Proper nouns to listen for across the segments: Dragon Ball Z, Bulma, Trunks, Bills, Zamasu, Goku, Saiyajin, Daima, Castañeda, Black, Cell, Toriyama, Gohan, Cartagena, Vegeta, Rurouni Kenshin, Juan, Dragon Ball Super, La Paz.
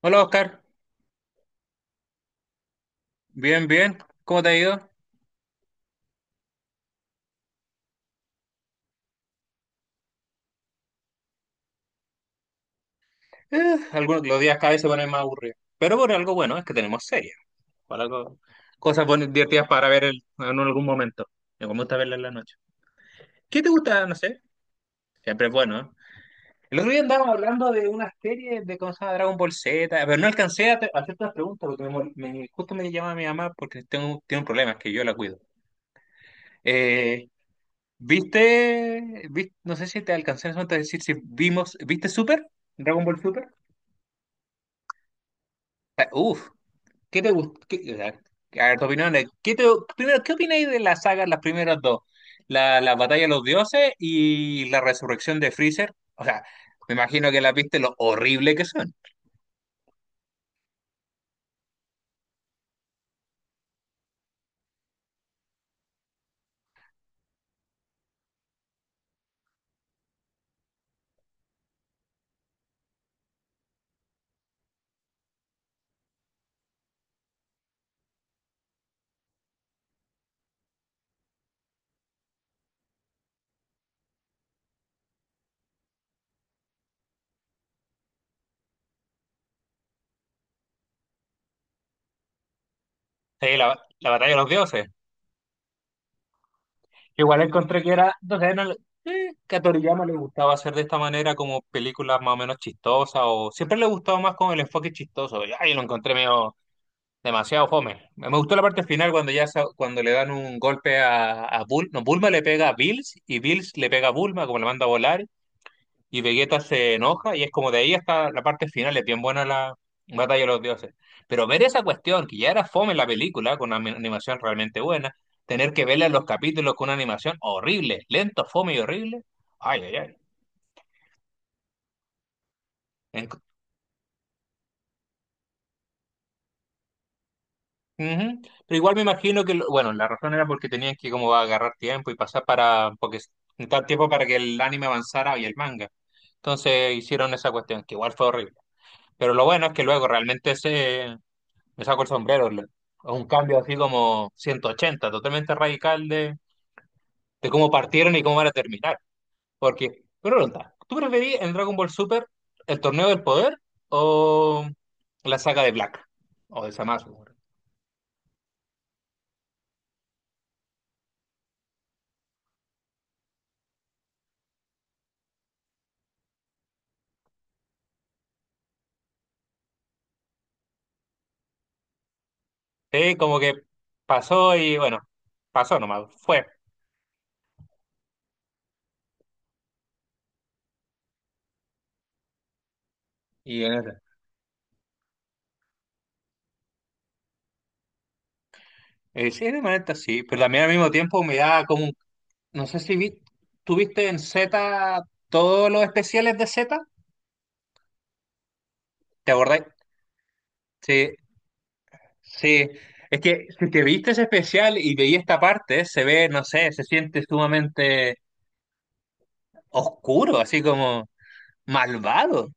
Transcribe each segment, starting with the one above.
Hola Oscar, bien, bien, ¿cómo te ha ido? Algunos, los días cada vez se ponen más aburridos, pero por algo bueno es que tenemos series, por algo, cosas buenas, divertidas para ver en algún momento. Me gusta verla en la noche. ¿Qué te gusta? No sé, siempre es bueno, ¿eh? El otro día andábamos hablando de una serie de cosas Dragon Ball Z, pero no alcancé a a hacerte las preguntas porque justo me llama mi mamá porque tengo, tiene un problema, es que yo la cuido. Eh, ¿Viste, no sé si te alcancé en ese momento a decir si vimos, ¿viste Super? ¿Dragon Ball Super? Ah, uf. ¿Qué te gusta? A ver, tu opinión ¿qué te, primero, ¿qué opináis de la saga, las primeras dos? La batalla de los dioses y la resurrección de Freezer. O sea, me imagino que las viste lo horrible que son. Sí, la batalla de los dioses. Igual encontré que era, no sé, no le- que a Toriyama le gustaba hacer de esta manera como películas más o menos chistosas o siempre le gustaba más con el enfoque chistoso. Y ahí lo encontré medio. Demasiado fome. Me gustó la parte final cuando ya cuando le dan un golpe a bul no, Bulma le pega a Bills y Bills le pega a Bulma, como le manda a volar, y Vegeta se enoja, y es como de ahí hasta la parte final, es bien buena la batalla de los dioses. Pero ver esa cuestión, que ya era fome en la película, con una animación realmente buena, tener que verla en los capítulos con una animación horrible, lento, fome y horrible. Ay, ay, ay. En- Ujú. Pero igual me imagino que, bueno, la razón era porque tenían que como agarrar tiempo y pasar para, porque necesitaban tiempo para que el anime avanzara y el manga. Entonces hicieron esa cuestión, que igual fue horrible. Pero lo bueno es que luego realmente me saco el sombrero, un cambio así como 180, totalmente radical de cómo partieron y cómo van a terminar. Porque, pregunta, ¿tú preferís en Dragon Ball Super el torneo del poder o la saga de Black? O de Zamasu. Sí, como que pasó y bueno, pasó nomás, fue. Y en sí, de manera sí, pero también al mismo tiempo me da como, no sé si vi, tú viste en Z todos los especiales de Z, ¿te acordás? Sí, sí, es que si te viste ese especial y veí esta parte, se ve, no sé, se siente sumamente oscuro, así como malvado.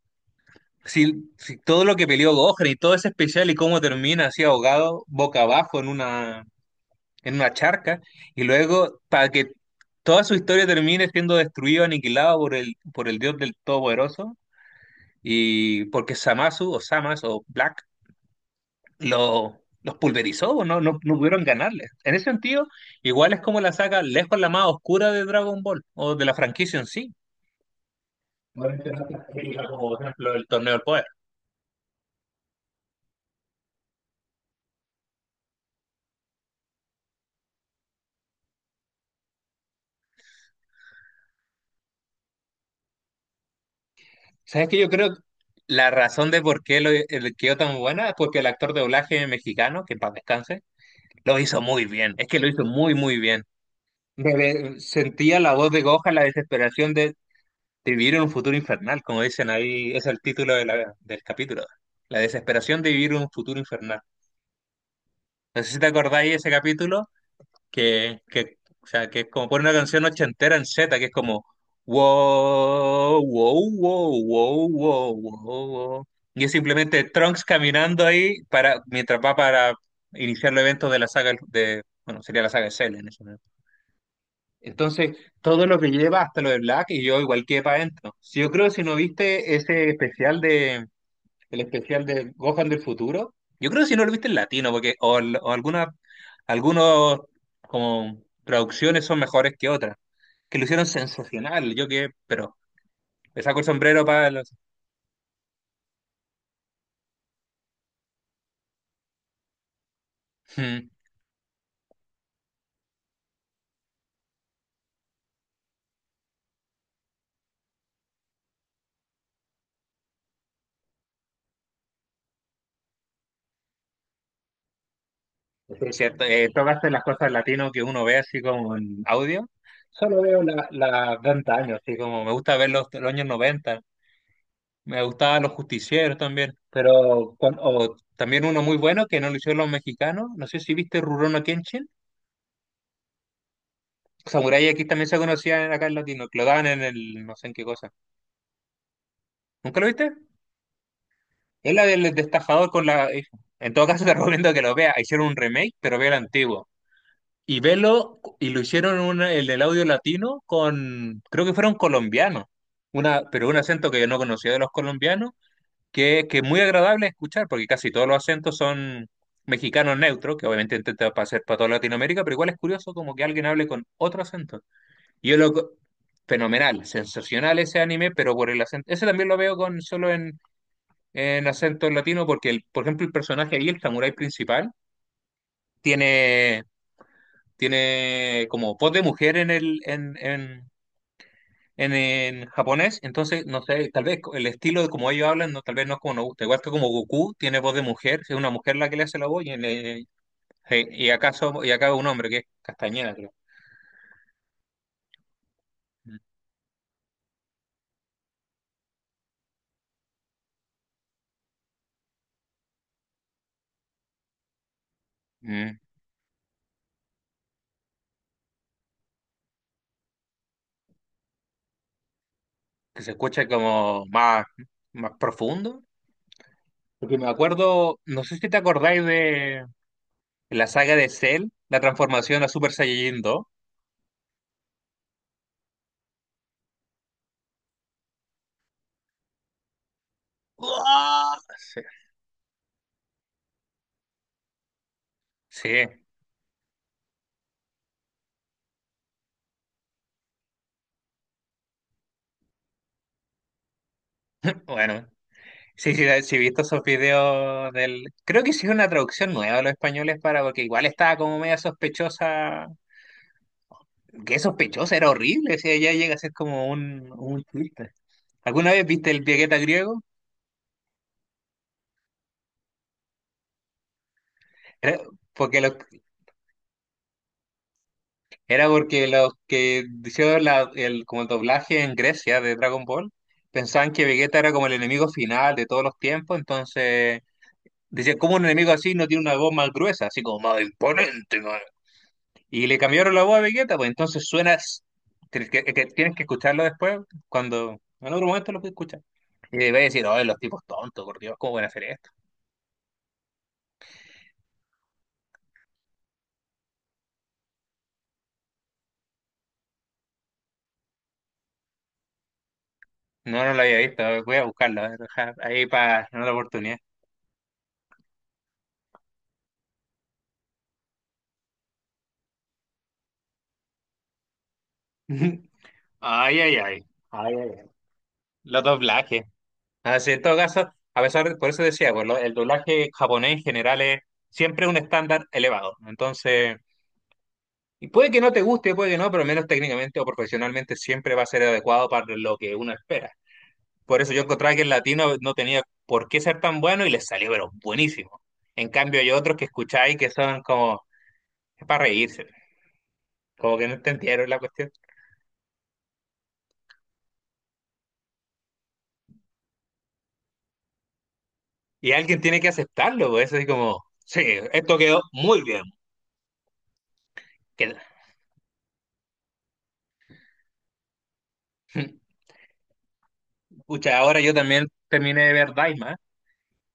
Si, si todo lo que peleó Gohan y todo ese especial y cómo termina así ahogado, boca abajo en una charca y luego para que toda su historia termine siendo destruido, aniquilado por el dios del Todopoderoso y porque Samasu o Samas o Black lo, los pulverizó, o no, no, no pudieron ganarle. En ese sentido, igual es como la saga lejos la más oscura de Dragon Ball o de la franquicia en sí. No es que no te explica, como por ejemplo el torneo del poder. ¿Sabes que yo creo que la razón de por qué lo, quedó tan buena es porque el actor de doblaje mexicano, que en paz descanse, lo hizo muy bien, es que lo hizo muy, muy bien. Sentía la voz de Gohan, la desesperación de vivir en un futuro infernal, como dicen ahí, es el título de del capítulo. La desesperación de vivir en un futuro infernal. No sé si te acordáis de ese capítulo, que, o sea, que es como pone una canción ochentera en Z, que es como, wow, wow, wow, wow, wow, wow, wow. Y es simplemente Trunks caminando ahí para, mientras va para iniciar los eventos de la saga de, bueno, sería la saga de Cell en ese. Entonces, todo lo que lleva hasta lo de Black y yo igual quedé para adentro. Si yo creo que si no viste ese especial de el especial de Gohan del futuro, yo creo que si no lo viste en latino porque o, o alguna algunos como traducciones son mejores que otras, que lo hicieron sensacional, yo que pero le saco el sombrero para los mm. Sí, es cierto, tocaste las cosas en latino que uno ve así como en audio. Solo veo la, la de antaño, así como me gusta ver los años 90. Me gustaban los justicieros también, pero o también uno muy bueno que no lo hicieron los mexicanos. No sé si viste Rurouni Kenshin. Samurai aquí también se conocía acá en latino, que lo daban en el no sé en qué cosa. ¿Nunca lo viste? Es la del destafador con la hija. En todo caso te recomiendo que lo veas. Hicieron un remake, pero ve el antiguo. Y velo, y lo hicieron el del audio latino con, creo que fueron colombianos, una, pero un acento que yo no conocía de los colombianos que es muy agradable escuchar, porque casi todos los acentos son mexicanos neutros, que obviamente intenta hacer para toda Latinoamérica, pero igual es curioso como que alguien hable con otro acento. Y yo lo... fenomenal, sensacional ese anime, pero por el acento... Ese también lo veo con solo en acento latino, porque, el, por ejemplo, el personaje ahí, el samurái principal, tiene, tiene como voz de mujer en el, en japonés, entonces, no sé, tal vez el estilo de como ellos hablan, no, tal vez no es como nos gusta. Igual que como Goku tiene voz de mujer, es una mujer la que le hace la voz, y, en, y acá y acá un hombre que es Castañeda, creo. Mm, mm, que se escucha como más, más profundo. Porque me acuerdo, no sé si te acordáis de la saga de Cell, la transformación a Super Saiyajin dos. ¡Uah! Sí, sí, bueno. Sí, sí, sí, he visto esos videos del... Creo que hicieron una traducción nueva a los españoles para... Porque igual estaba como media sospechosa. Qué sospechosa, era horrible. O sea, ya llega a ser como un chiste. ¿Alguna vez viste el Vegeta griego? Era porque los, era porque los que hicieron el, como el doblaje en Grecia de Dragon Ball pensaban que Vegeta era como el enemigo final de todos los tiempos. Entonces decían, ¿cómo un enemigo así no tiene una voz más gruesa? Así como más imponente. Y le cambiaron la voz a Vegeta, pues entonces suenas, que tienes que escucharlo después, cuando en otro momento lo puedes escuchar. Y le a decir, oh, los tipos tontos, por Dios, ¿cómo pueden hacer esto? No, no lo había visto, a ver, voy a buscarlo, a ver, ja, ahí para una oportunidad. Ay, ay, ay. Ay, ay, ay. Los doblajes. Así, en todo caso, a pesar de, por eso decía, pues, el doblaje japonés en general es siempre un estándar elevado. Entonces, y puede que no te guste, puede que no, pero al menos técnicamente o profesionalmente siempre va a ser adecuado para lo que uno espera. Por eso yo encontraba que el latino no tenía por qué ser tan bueno y les salió, pero buenísimo. En cambio, hay otros que escucháis que son como, es para reírse, como que no entendieron la cuestión. Y alguien tiene que aceptarlo, pues, así como, sí, esto quedó muy bien. Quedó. Pucha, ahora yo también terminé de ver Daima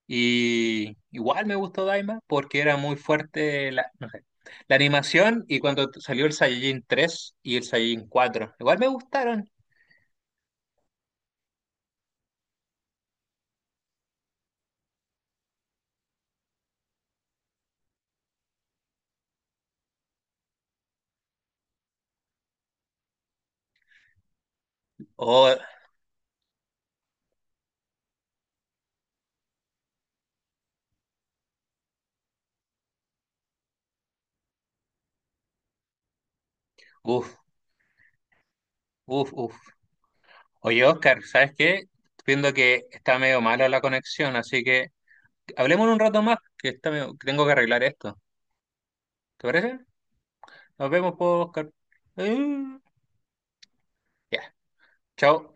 y igual me gustó Daima porque era muy fuerte la, no sé, la animación y cuando salió el Saiyajin 3 y el Saiyajin 4 igual me gustaron. Oh, uff, uff, uff. Oye, Oscar, ¿sabes qué? Estoy viendo que está medio mala la conexión, así que hablemos un rato más, que, está medio- que tengo que arreglar esto. ¿Te parece? Nos vemos, pues, Oscar. Eh, Ya, chao.